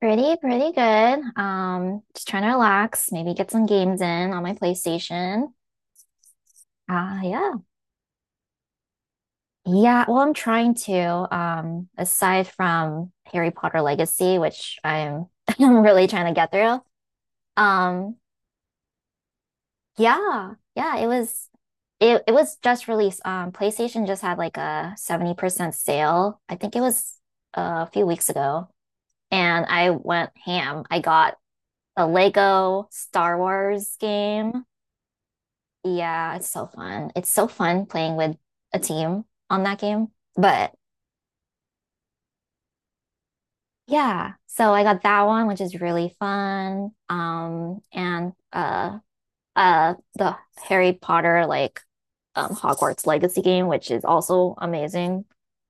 Pretty, pretty good. Just trying to relax, maybe get some games in on my PlayStation. Ah, yeah. Yeah, well, I'm trying to. Aside from Harry Potter Legacy, which I'm I'm really trying to get through. Um, yeah, yeah, it was just released. PlayStation just had like a 70% sale. I think it was a few weeks ago, and I went ham. I got a Lego Star Wars game. Yeah, it's so fun. It's so fun playing with a team on that game. But yeah, so I got that one, which is really fun. And the Harry Potter like Hogwarts Legacy game, which is also amazing.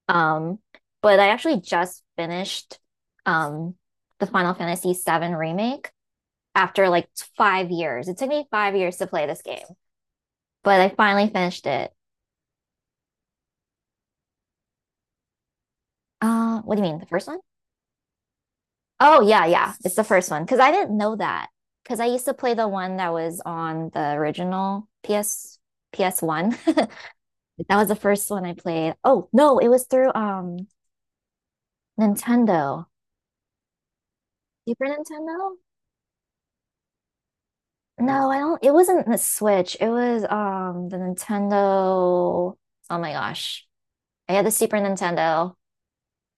Um, but I actually just finished um the Final Fantasy VII remake after like 5 years. It took me 5 years to play this game, but I finally finished it. What do you mean, the first one? Oh yeah, yeah. It's the first one because I didn't know that because I used to play the one that was on the original PS PS1. That was the first one I played. Oh no, it was through Nintendo. Super Nintendo? No, I don't. It wasn't the Switch. It was the Nintendo. Oh my gosh. I had the Super Nintendo,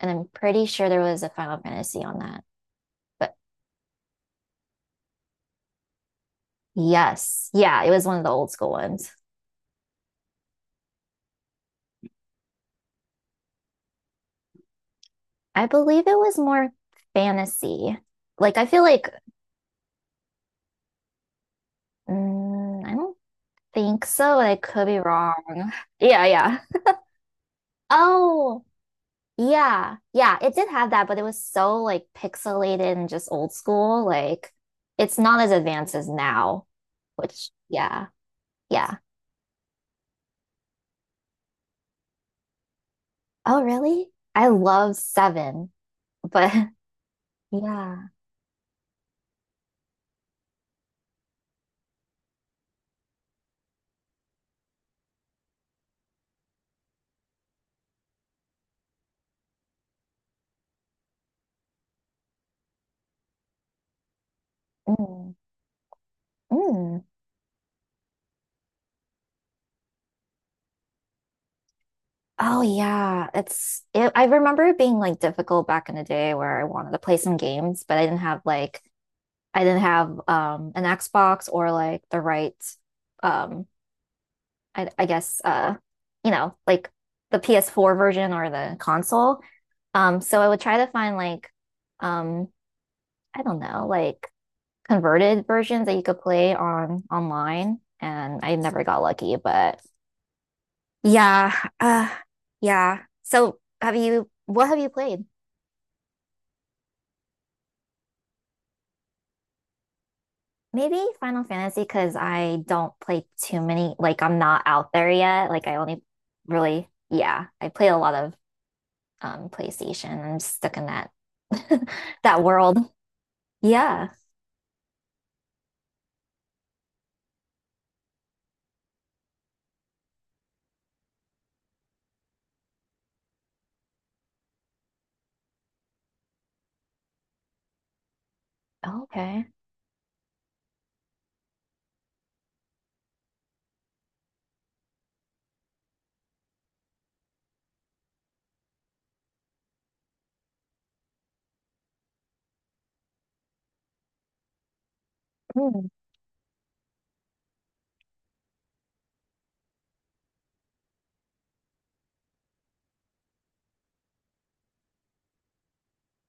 and I'm pretty sure there was a Final Fantasy on that. But yes, yeah, it was one of the old school ones. I believe it was more fantasy. Like, I feel like, I don't think so. I could be wrong. Yeah, yeah. Oh, yeah. Yeah, it did have that, but it was so like pixelated and just old school. Like, it's not as advanced as now, which, yeah, yeah. Oh, really? I love Seven, but yeah. Mm, mm. Oh yeah, I remember it being like difficult back in the day where I wanted to play some games, but I didn't have an Xbox or like the right um I guess like the PS4 version or the console. So I would try to find like um I don't know, like converted versions that you could play on online and I never got lucky, but yeah, uh yeah. So have you what have you played? Maybe Final Fantasy because I don't play too many. Like I'm not out there yet. Like I only really, yeah, I play a lot of PlayStation. I'm stuck in that that world. Yeah. Okay. Mm.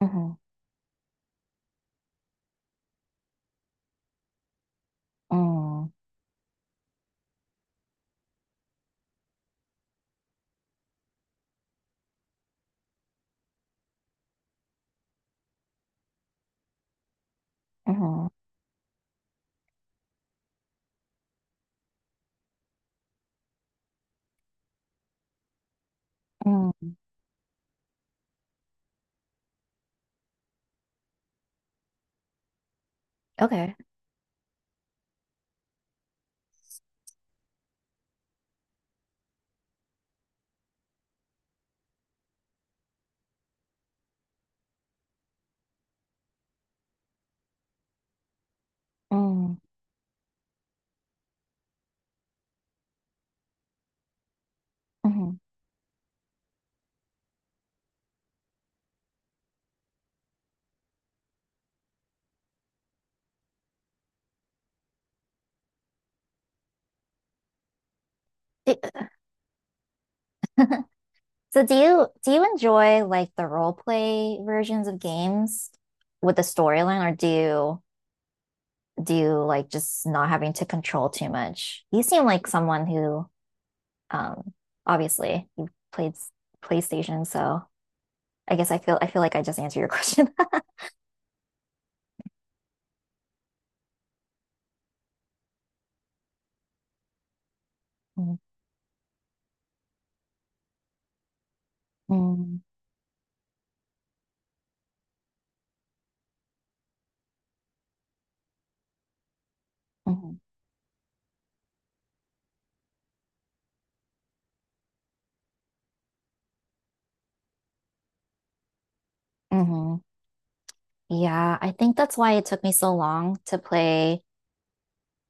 Hmm. Mm. Hmm. Mm. Okay. Mm. Hmm. So do you enjoy like the role play versions of games with the storyline, or do you do like just not having to control too much? You seem like someone who, um, obviously you played PlayStation, so I guess I feel like I just answered your question. Mm-hmm. Hmm. Yeah, I think that's why it took me so long to play,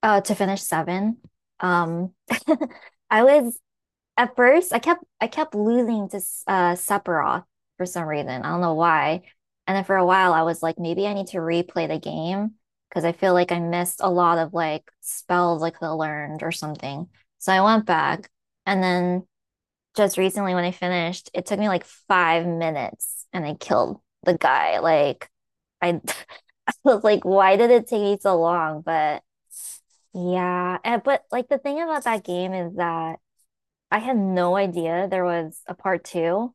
uh, to finish seven. Um, I was At first, I kept losing to Sephiroth for some reason. I don't know why. And then for a while, I was like, maybe I need to replay the game because I feel like I missed a lot of like spells I could have learned or something. So I went back, and then just recently when I finished, it took me like 5 minutes, and I killed the guy. I, I was like, why did it take me so long? But yeah, but like the thing about that game is that. I had no idea there was a part two.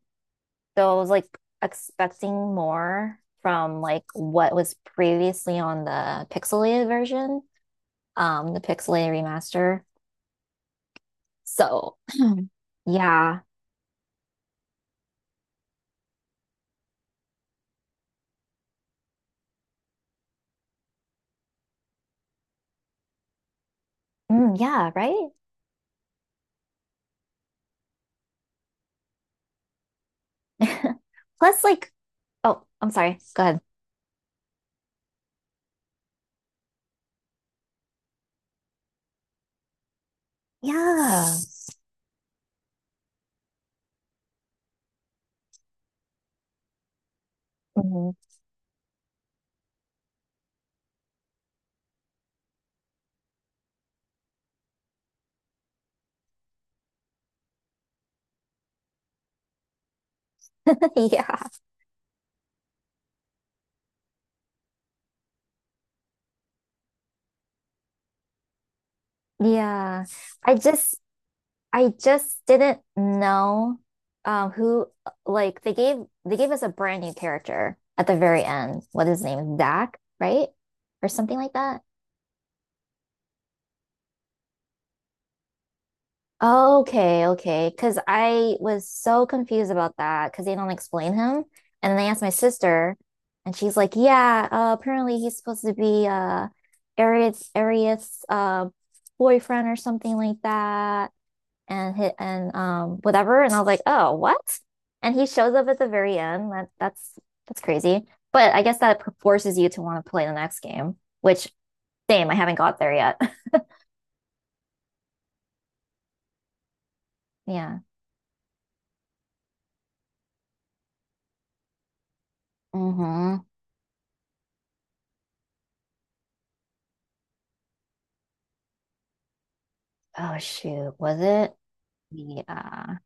So I was like expecting more from like what was previously on the pixelated version, the pixelated remaster. So yeah. Mm, yeah, right? Plus like oh, I'm sorry. Go ahead. Yeah. Mhm. Yeah. Yeah. I just I just didn't know who like they gave us a brand new character at the very end. What is his name? Zach, right? Or something like that. Okay, okay. Because I was so confused about that because they don't explain him. And then I asked my sister, and she's like, "Yeah, apparently he's supposed to be Arius boyfriend or something like that." And hit and whatever. And I was like, oh, what? And he shows up at the very end. That's crazy. But I guess that forces you to want to play the next game, which same, I haven't got there yet. Yeah. Mm-hmm. Oh shoot, was it? Yeah.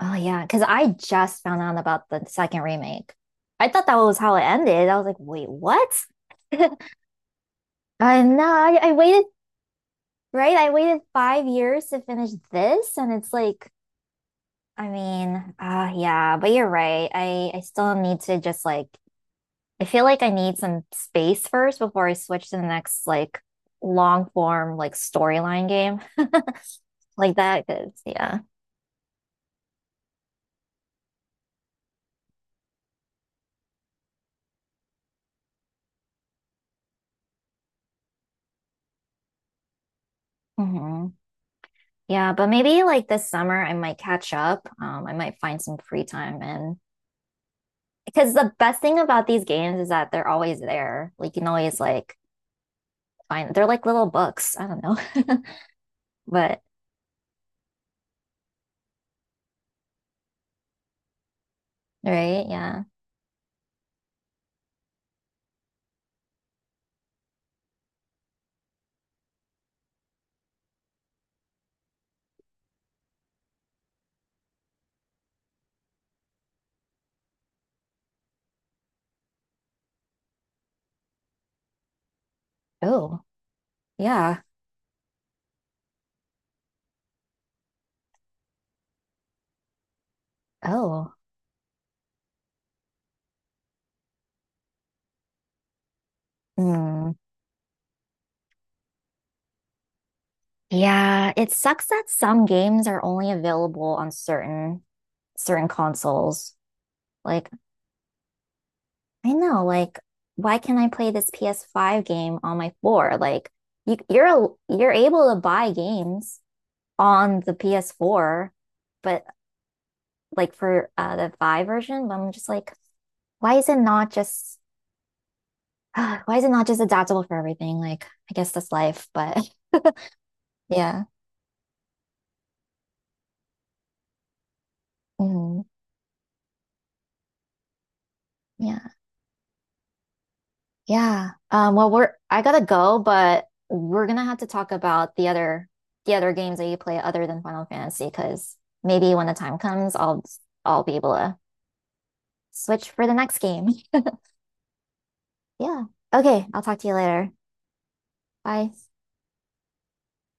Oh yeah, because I just found out about the second remake. I thought that was how it ended. I was like, wait, what? I know. I waited, right? I waited 5 years to finish this, and it's like I mean, yeah, but you're right. I still need to just like I feel like I need some space first before I switch to the next like long form like storyline game. Like that, yeah. Hmm. Yeah, but maybe like this summer I might catch up. I might find some free time and because the best thing about these games is that they're always there. Like you can always like find they're like little books. I don't know. But right, yeah. Oh, yeah. Oh. Mm. Yeah, it sucks that some games are only available on certain consoles. Like, I know, like, why can't I play this PS5 game on my four? Like, you're able to buy games on the PS4, but like for the 5 version, but I'm just like, why is it not just why is it not just adaptable for everything? Like, I guess that's life, but yeah. Mhm. Yeah. Well, we're I gotta go, but we're gonna have to talk about the other games that you play other than Final Fantasy, because maybe when the time comes, I'll be able to switch for the next game. Yeah. Okay, I'll talk to you later. Bye.